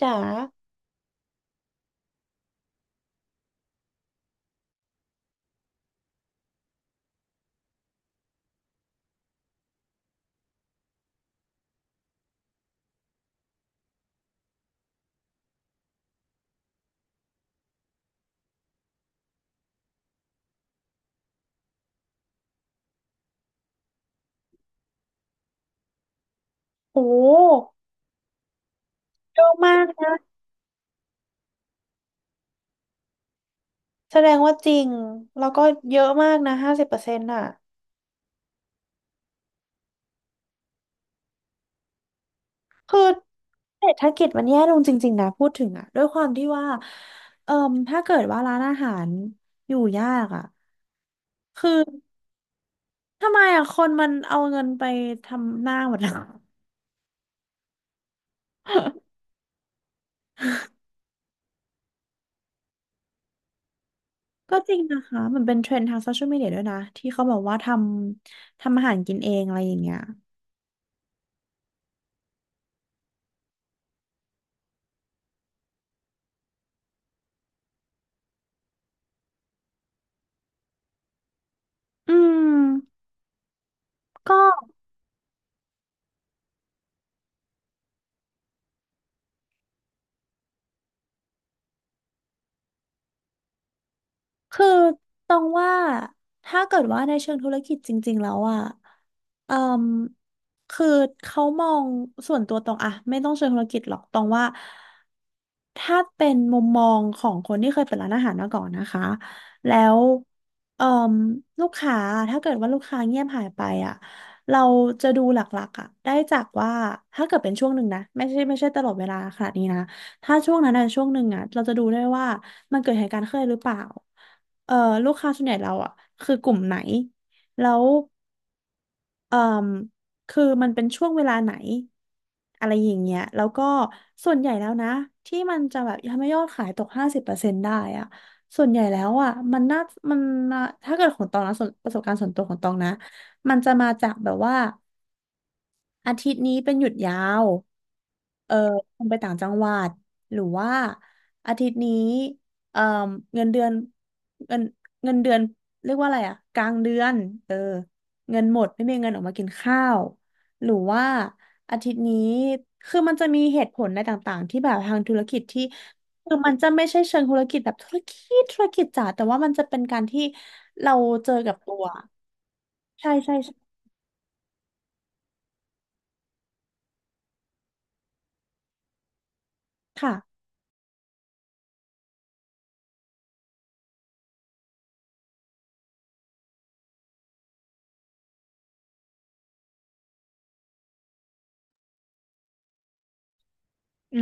จ๋าโอ้เยอะมากนะ แสดงว่าจริง แล้วก็เยอะมากนะ50%อ่ะ คือเศรษฐกิจมันแย่ลงจริงๆนะ พูดถึงอ่ะ ด้วยความที่ว่าเอ่มถ้าเกิดว่าร้านอาหารอยู่ยากอ่ะ คือ ทำไมอ่ะ คนมันเอาเงินไปทำหน้าหมดแล้ว ก็จริงนะคะมันเป็นเทรนด์ทางโซเชียลมีเดียด้วยนะ ที่เขาบอกว่าทำอาหารกินเองอะไรอย่างเงี้ยอืมก็ คือตองว่าถ้าเกิดว่าในเชิงธุรกิจจริงๆแล้วอ่ะเอ่มคือเขามองส่วนตัวตองอะไม่ต้องเชิงธุรกิจหรอกตองว่าถ้าเป็นมุมมองของคนที่เคยเปิดร้านอาหารมาก่อนนะคะแล้วเอ่มลูกค้าถ้าเกิดว่าลูกค้าเงียบหายไปอ่ะเราจะดูหลักๆอ่ะได้จากว่าถ้าเกิดเป็นช่วงหนึ่งนะไม่ใช่ตลอดเวลาขนาดนี้นะถ้าช่วงนั้นอะช่วงหนึ่งอ่ะเราจะดูได้ว่ามันเกิดเหตุการณ์ขึ้นหรือเปล่า เอ่อลูกค้าส่วนใหญ่เราอ่ะคือกลุ่มไหนแล้วเอ่มคือมันเป็นช่วงเวลาไหนอะไรอย่างเงี้ยแล้วก็ส่วนใหญ่แล้วนะที่มันจะแบบทำให้ยอดขายตกห้าสิบเปอร์เซ็นต์ได้อ่ะส่วนใหญ่แล้วอ่ะมันมาถ้าเกิดของตองนะส่วนประสบการณ์ส่วนตัวของตองนะมันจะมาจากแบบว่า อาทิตย์นี้เป็นหยุดยาวเออคุณไปต่างจังหวัดหรือว่าอาทิตย์นี้เออเงินเดือนเงินเงินเดือนเรียกว่าอะไรอะกลางเดือน เออเงินหมดไม่มีเงินออกมากินข้าว หรือว่าอาทิตย์นี้คือมันจะมีเหตุผลในต่างๆที่แบบทางธุรกิจที่คือมันจะไม่ใช่เชิงธุรกิจแบบธุรกิจธุรกิจจ๋าแต่ว่ามันจะเป็นการที่เราเจอกับตัวใช่ใช่ใช่ค่ะอื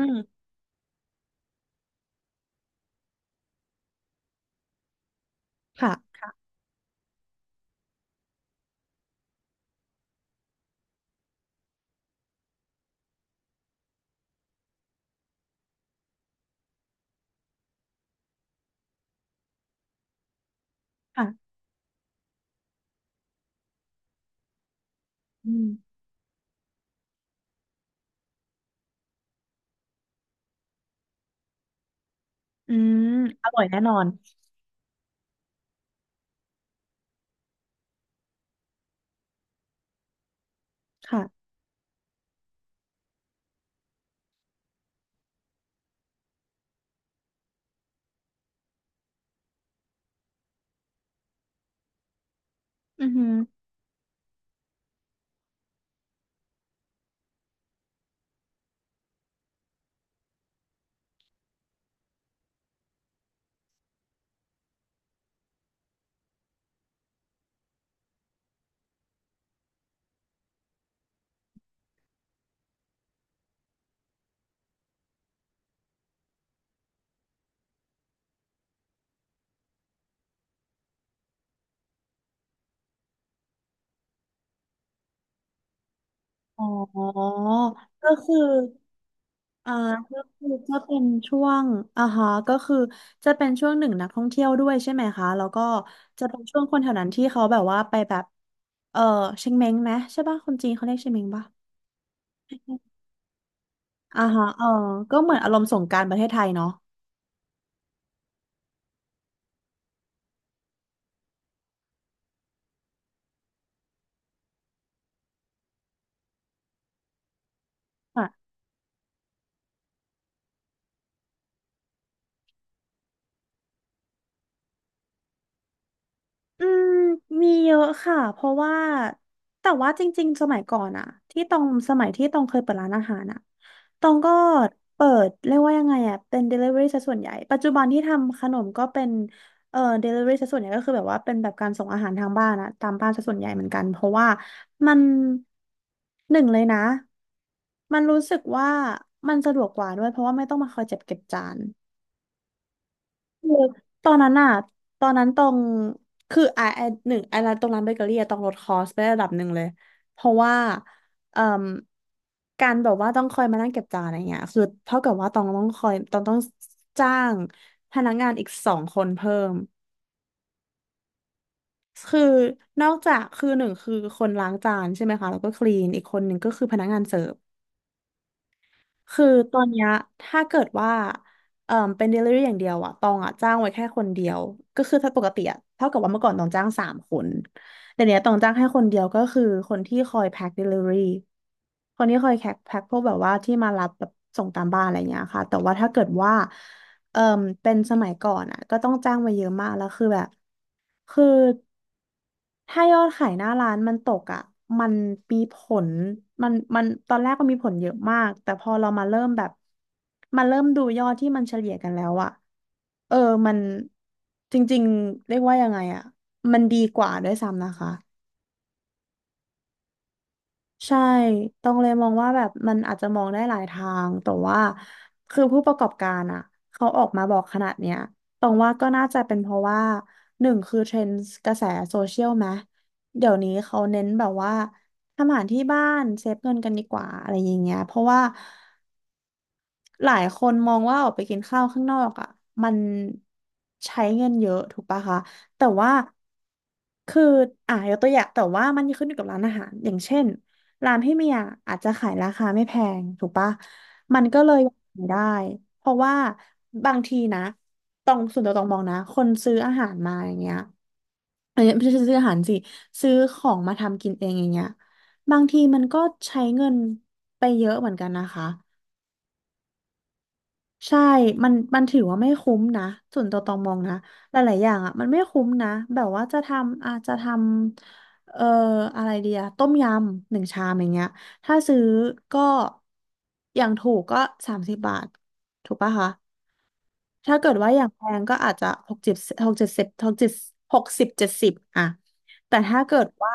มค่ะ อืมอืมอร่อยแน่นอนค่ะอือหืออ๋อก็คืออ่าก็คือก็เป็นช่วงอ่าฮะก็คือจะเป็นช่วงหนึ่งนักท่องเที่ยวด้วยใช่ไหมคะแล้วก็จะเป็นช่วงคนแถวนั้นที่เขาแบบว่าไปแบบเออเชงเม้งไหมใช่ป่ะคนจีนเขาเรียกเชงเม้งป่ะอ่าฮะเออก็เหมือนอารมณ์สงกรานต์ประเทศไทยเนาะค่ะ อืมมีเยอะค่ะเพราะว่าแต่ว่าจริงๆสมัยก่อนอะที่ตองสมัยที่ตองเคยเปิดร้านอาหารอะตองก็เปิดเรียกว่ายังไงอะเป็น delivery ซะส่วนใหญ่ปัจจุบันที่ทำขนมก็เป็นdelivery ซะส่วนใหญ่ก็คือแบบว่าเป็นแบบการส่งอาหารทางบ้านอะตามบ้านซะส่วนใหญ่เหมือนกันเพราะว่ามันหนึ่งเลยนะมันรู้สึกว่ามันสะดวกกว่าด้วยเพราะว่าไม่ต้องมาคอยเจ็บเก็บจาน คือตอนนั้นอะตอนนั้นตรงคือไอหนึ่งไอร้านตรงร้านเบเกอรี่อะต้องลดคอสไประดับหนึ่งเลยเพราะว่าเอ่มการแบบว่าต้องคอยมานั่งเก็บจานอะไรเงี้ยคือเท่ากับว่าต้องคอยต้องจ้างพนักงานอีก2 คนเพิ่มคือนอกจากคือหนึ่งคือคนล้างจานใช่ไหมคะแล้วก็คลีนอีกคนหนึ่งก็คือพนักงานเสิร์ฟ คือตอนเนี้ยถ้าเกิดว่าเป็น delivery อย่างเดียวอะตองอะจ้างไว้แค่คนเดียวก็คือถ้าปกติอะเท่ากับว่าเมื่อก่อนตองจ้าง3 คนแต่เนี้ยตองจ้างแค่คนเดียวก็คือคนที่คอยแพ็ค delivery คนที่คอยแพ็คพวกแบบว่าที่มารับแบบส่งตามบ้านอะไรเงี้ยค่ะแต่ว่าถ้าเกิดว่าเอ่อเป็นสมัยก่อนอะก็ต้องจ้างไว้เยอะมากแล้วคือแบบคือ ถ้ายอดขายหน้าร้านมันตกอ่ะมันมีผลมันตอนแรกมันมีผลเยอะมากแต่พอเรามาเริ่มแบบมาเริ่มดูยอดที่มันเฉลี่ยกันแล้วอ่ะเออมันจริงๆเรียกว่ายังไงอ่ะมันดีกว่าด้วยซ้ำนะคะ ใช่ต้องเลยมองว่าแบบมันอาจจะมองได้หลายทาง แต่ว่าคือผู้ประกอบการอ่ะเขาออกมาบอกขนาดเนี้ยตรงว่าก็น่าจะเป็นเพราะว่าหนึ่งคือเทรนด์กระแสโซเชียลไหมเดี๋ยวนี้เขาเน้นแบบว่าทำอาหารที่บ้านเซฟเงินกันดีกว่าอะไรอย่างเงี้ยเพราะว่า หลายคนมองว่าออกไปกินข้าวข้างนอกอ่ะมันใช้เงินเยอะถูกปะคะแต่ว่าคือยกตัวอย่างแต่ว่ามันขึ้นอยู่กับร้านอาหารอย่างเช่นร้านพี่เมียอาจจะขายราคาไม่แพงถูกปะมันก็เลยไม่ได้เพราะว่าบางทีนะตองส่วนตัวตองมองนะคนซื้ออาหารมาอย่างเงี้ยเอ้ยไม่ใช่ซื้ออาหารสิซื้อของมาทำกินเองอย่างเงี้ยบางทีมันก็ใช้เงินไปเยอะเหมือนกันนะคะ ใช่มันถือว่าไม่คุ้มนะ ส่วนตัวตองมองนะ หลายๆอย่างอ่ะ มันไม่คุ้มนะ แบบว่าจะทำ อาจจะทำ อะไรเดียต้มยำหนึ่งชามอย่างเงี้ย ถ้าซื้อก็ อย่างถูกก็30 บาทถูกปะคะ ถ้าเกิดว่าอย่างแพงก็อาจจะหกเจ็ดหกเจ็ดสิบหกเจ็ดหกสิบเจ็ดสิบอะแต่ถ้าเกิดว่า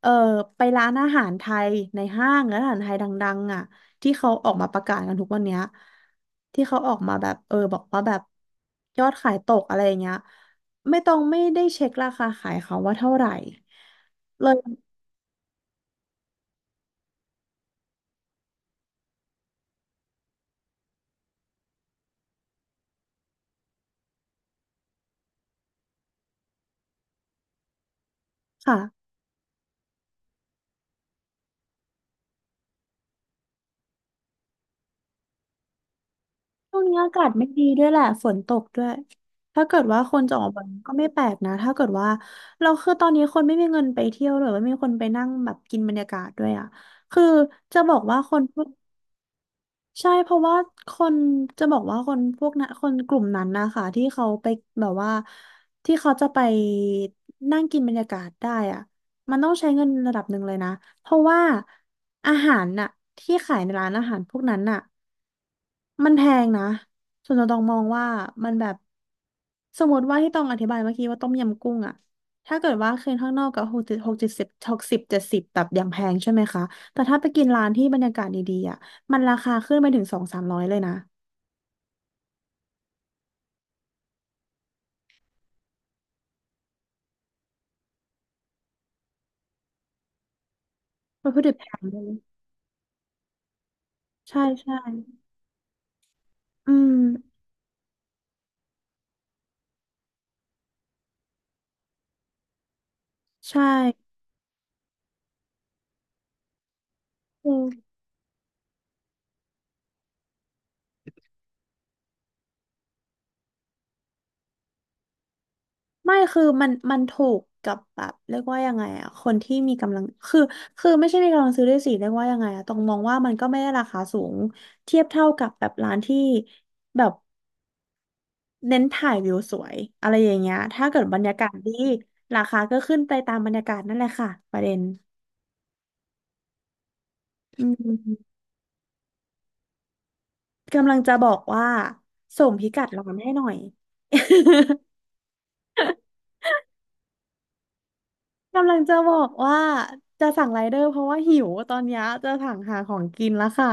เออไปร้านอาหารไทยในห้างร้านอาหารไทยดังๆอ่ะที่เขาออกมาประกาศกันทุกวันเนี้ยที่เขาออกมาแบบบอกว่าแบบยอดขายตกอะไรอย่างเงี้ยไม่ต้องไม่ได้เช็คราคาขายเขาว่าเท่าไหร่เลยค่ะ ช่วงนี้อากาศไม่ดีด้วยแหละฝนตกด้วยถ้าเกิดว่าคนจะออกไปก็ไม่แปลกนะถ้าเกิดว่าเราคือตอนนี้คนไม่มีเงินไปเที่ยวหรือว่าไม่มีคนไปนั่งแบบกินบรรยากาศด้วยอ่ะคือจะบอกว่าคนพวกใช่เพราะว่าคนจะบอกว่าคนพวกนั้นคนกลุ่มนั้นนะคะที่เขาไปแบบว่าที่เขาจะไปนั่งกินบรรยากาศได้อ่ะมันต้องใช้เงินระดับหนึ่งเลยนะเพราะว่าอาหารน่ะที่ขายในร้านอาหารพวกนั้นน่ะ มันแพงนะส่วนตัวตองมองว่ามันแบบสมมติว่าที่ต้องอธิบายเมื่อกี้ว่าต้มยำกุ้งอะถ้าเกิดว่าคืนข้างนอกก็หกสิบหกเจ็ดสิบหกสิบเจ็ดสิบแบบอย่างแพงใช่ไหมคะแต่ถ้าไปกินร้านที่บรรยากาศดีๆอะมันราคาขึ้นไปถึงสองสามร้อยเลยนะวัต ถุดิบแพงด้วยใช่ใช่อืมใช่ ไม่คือมันถูกกับแบบเรียกว่ายังไงอะคนที่มีกำลังคือคือไม่ใช่มีกำลังซื้อด้วยสิเรียกว่ายังไงอะต้องมองว่ามันก็ไม่ได้ราคาสูงเทียบเท่ากับแบบร้านที่แบบเน้นถ่ายวิวสวยอะไรอย่างเงี้ยถ้าเกิดบรรยากาศดีราคาก็ขึ้นไปตามบรรยากาศนั่นแหละค่ะประเด็นอืมกำลังจะบอกว่าส่งพิกัดร้านให้หน่อย กำลังจะบอกว่าจะสั่งไรเดอร์เพราะว่าหิวตอนเนี้ยจะสั่งหาของกินแล้วค่ะ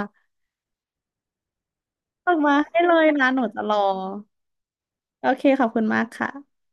ส่งมาให้เลยนะหนูจะรอโอเคขอบคุณมากค่ะ